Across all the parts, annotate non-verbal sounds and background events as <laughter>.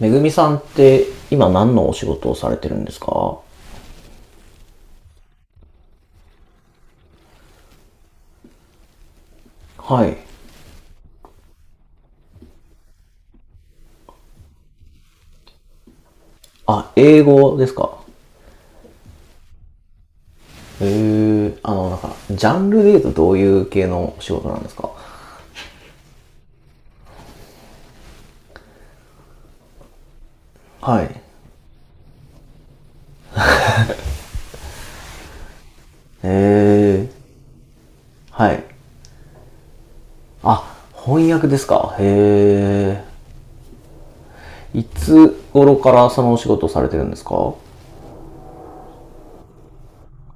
めぐみさんって今何のお仕事をされてるんですか？はい。あ、英語ですか？へえ、あの、なんか、ジャンルで言うとどういう系のお仕事なんですか？はい。へえ。はい。あ、翻訳ですか？へえ、いつ頃からそのお仕事をされてるんですか？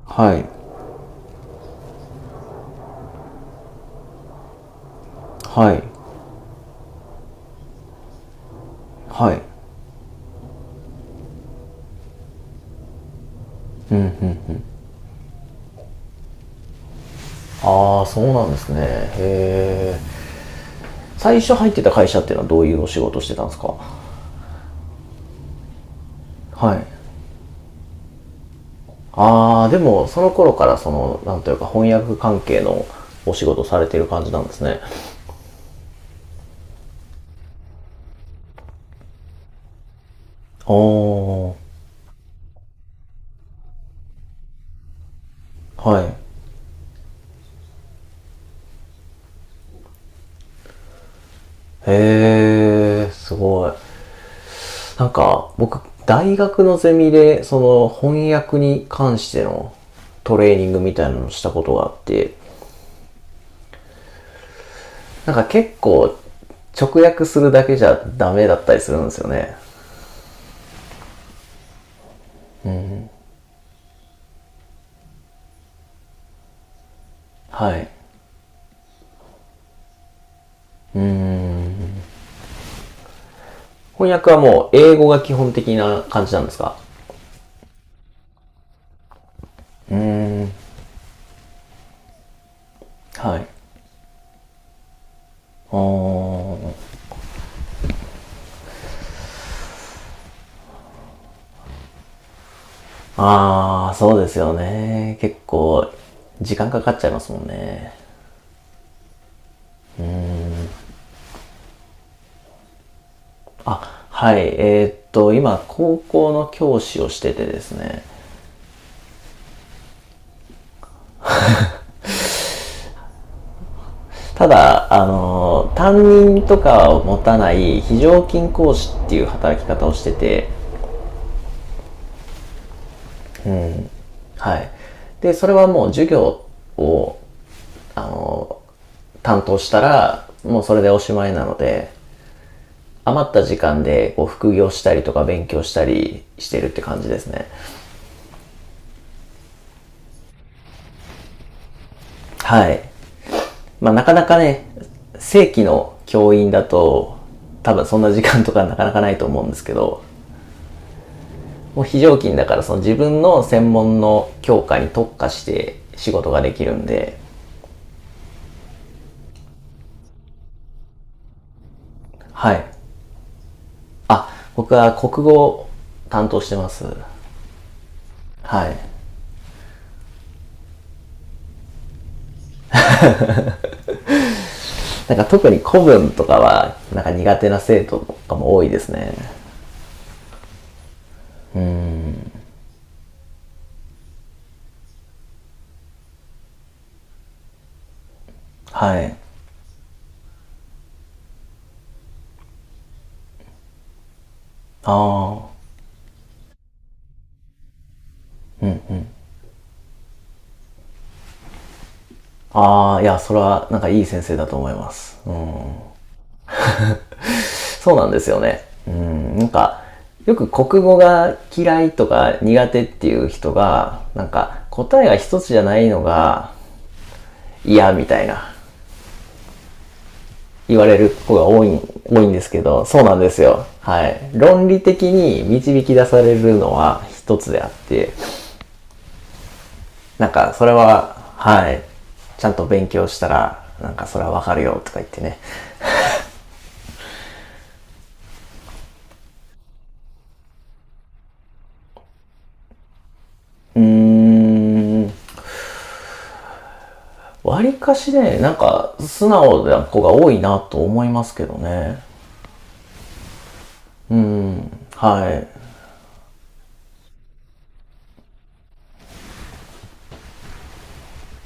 はい。はい。はい。ああ、そうなんですね。へえ。最初入ってた会社っていうのはどういうお仕事をしてたんですか？はい。ああ、でもその頃からそのなんというか翻訳関係のお仕事されてる感じなんですね。おー。はい。へえ、すごい。なんか僕、大学のゼミでその翻訳に関してのトレーニングみたいなのをしたことがあって、なんか結構直訳するだけじゃダメだったりするんですよね。はい、うん、翻訳はもう英語が基本的な感じなんですか？はい。おー。ああ、そうですよね。結構、時間かかっちゃいますもんね。あ、はい。今、高校の教師をしててですね。ただ、あの、担任とかを持たない非常勤講師っていう働き方をしてて、はい。で、それはもう授業を、あの、担当したら、もうそれでおしまいなので、余った時間でこう副業したりとか勉強したりしてるって感じですね。はい。まあなかなかね、正規の教員だと、多分そんな時間とか <laughs> なかなかないと思うんですけど、もう非常勤だからその自分の専門の教科に特化して仕事ができるんで、はい。あ、僕は国語を担当してます。はい。なんか特に古文とかは、なんか苦手な生徒とかも多いですね。はい。ああ。ああ、いや、それはなんかいい先生だと思います。うん。そうなんですよね。うん、なんか、よく国語が嫌いとか苦手っていう人が、なんか答えが一つじゃないのが嫌みたいな言われる子が多いんですけど、そうなんですよ。はい。論理的に導き出されるのは一つであって、なんかそれは、はい。ちゃんと勉強したら、なんかそれはわかるよとか言ってね。うーん、わりかしね、なんか素直な子が多いなと思いますけどね。はい。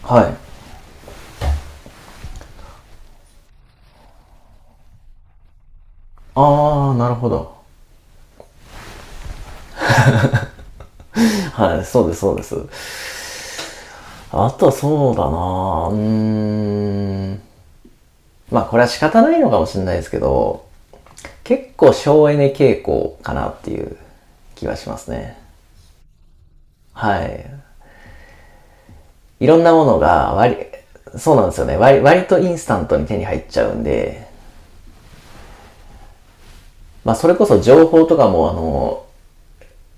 はい。あー、なるほど。はい、そうです、そうです。あとはそうだなぁ。まあこれは仕方ないのかもしれないですけど、結構省エネ傾向かなっていう気はしますね。はい。いろんなものが割り、そうなんですよね。割とインスタントに手に入っちゃうんで、まあそれこそ情報とかもあの、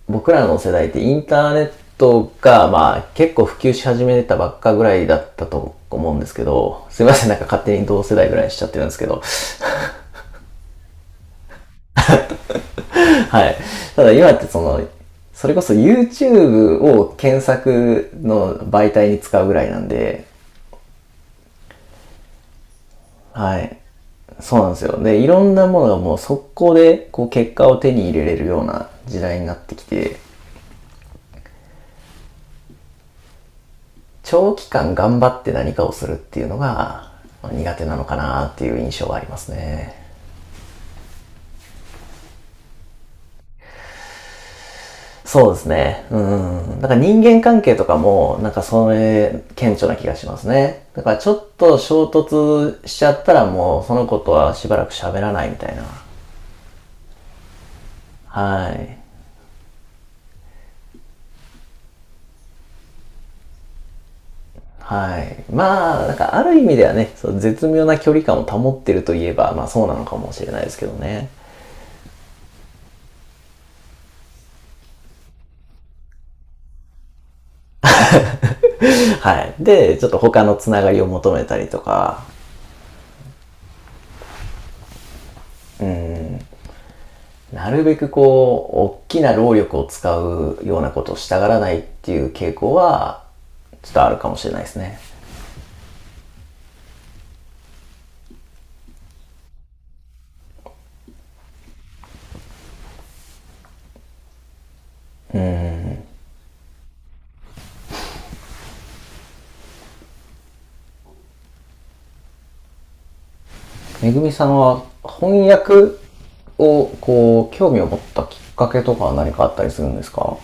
僕らの世代ってインターネットが、まあ、結構普及し始めたばっかぐらいだったと思うんですけど、すいません、なんか勝手に同世代ぐらいにしちゃってるんですけど <laughs>、はい。ただ今ってその、それこそ YouTube を検索の媒体に使うぐらいなんで、はい。そうなんですよ。で、いろんなものがもう速攻でこう結果を手に入れれるような時代になってきて、長期間頑張って何かをするっていうのが苦手なのかなっていう印象はありますね。そうですね。うん。だから人間関係とかも、なんかそれ、顕著な気がしますね。だからちょっと衝突しちゃったらもう、そのことはしばらく喋らないみたいな。はい。はい。まあ、なんかある意味ではね、そう絶妙な距離感を保ってるといえば、まあそうなのかもしれないですけどね。はい。で、ちょっと他のつながりを求めたりとか、なるべくこう、大きな労力を使うようなことをしたがらないっていう傾向は、ちょっとあるかもしれないですね。めぐみさんは翻訳をこう、興味を持ったきっかけとかは何かあったりするんですか？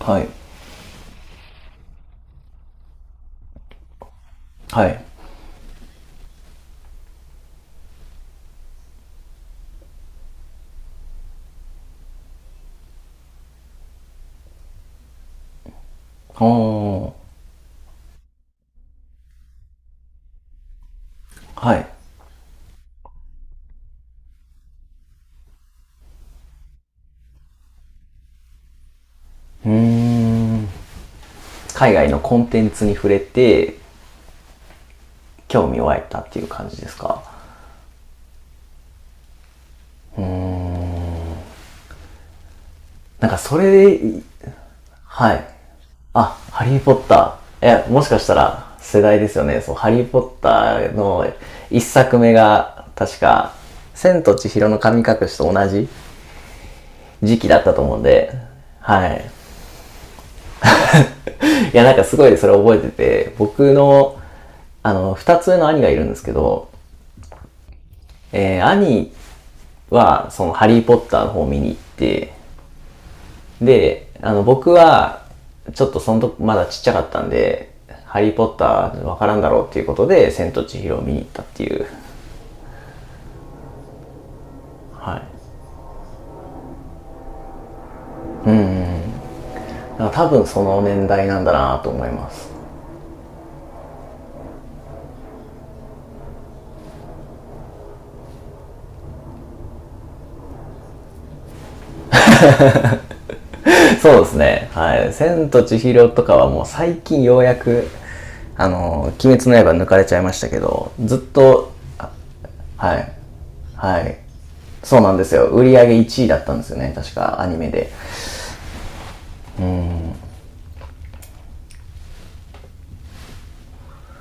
はい。はい。おー。はい。うーん。海外のコンテンツに触れて、興味を湧いたっていう感じですか？なんかそれで、はい。あ、ハリーポッター。え、もしかしたら世代ですよね。そう、ハリーポッターの一作目が、確か、千と千尋の神隠しと同じ時期だったと思うんで、はい。<laughs> いや、なんかすごいそれ覚えてて、僕の、あの、二つ上の兄がいるんですけど、兄は、その、ハリーポッターの方を見に行って、で、あの、僕は、ちょっとそのとまだちっちゃかったんで、ハリーポッターわからんだろうっていうことで、千と千尋を見に行ったっていう。はい。だから多分その年代なんだなと思います。<laughs> そうですね。はい。千と千尋とかはもう最近ようやく、あの、鬼滅の刃抜かれちゃいましたけど、ずっと、はい。はい。そうなんですよ。売り上げ1位だったんですよね。確かアニメで。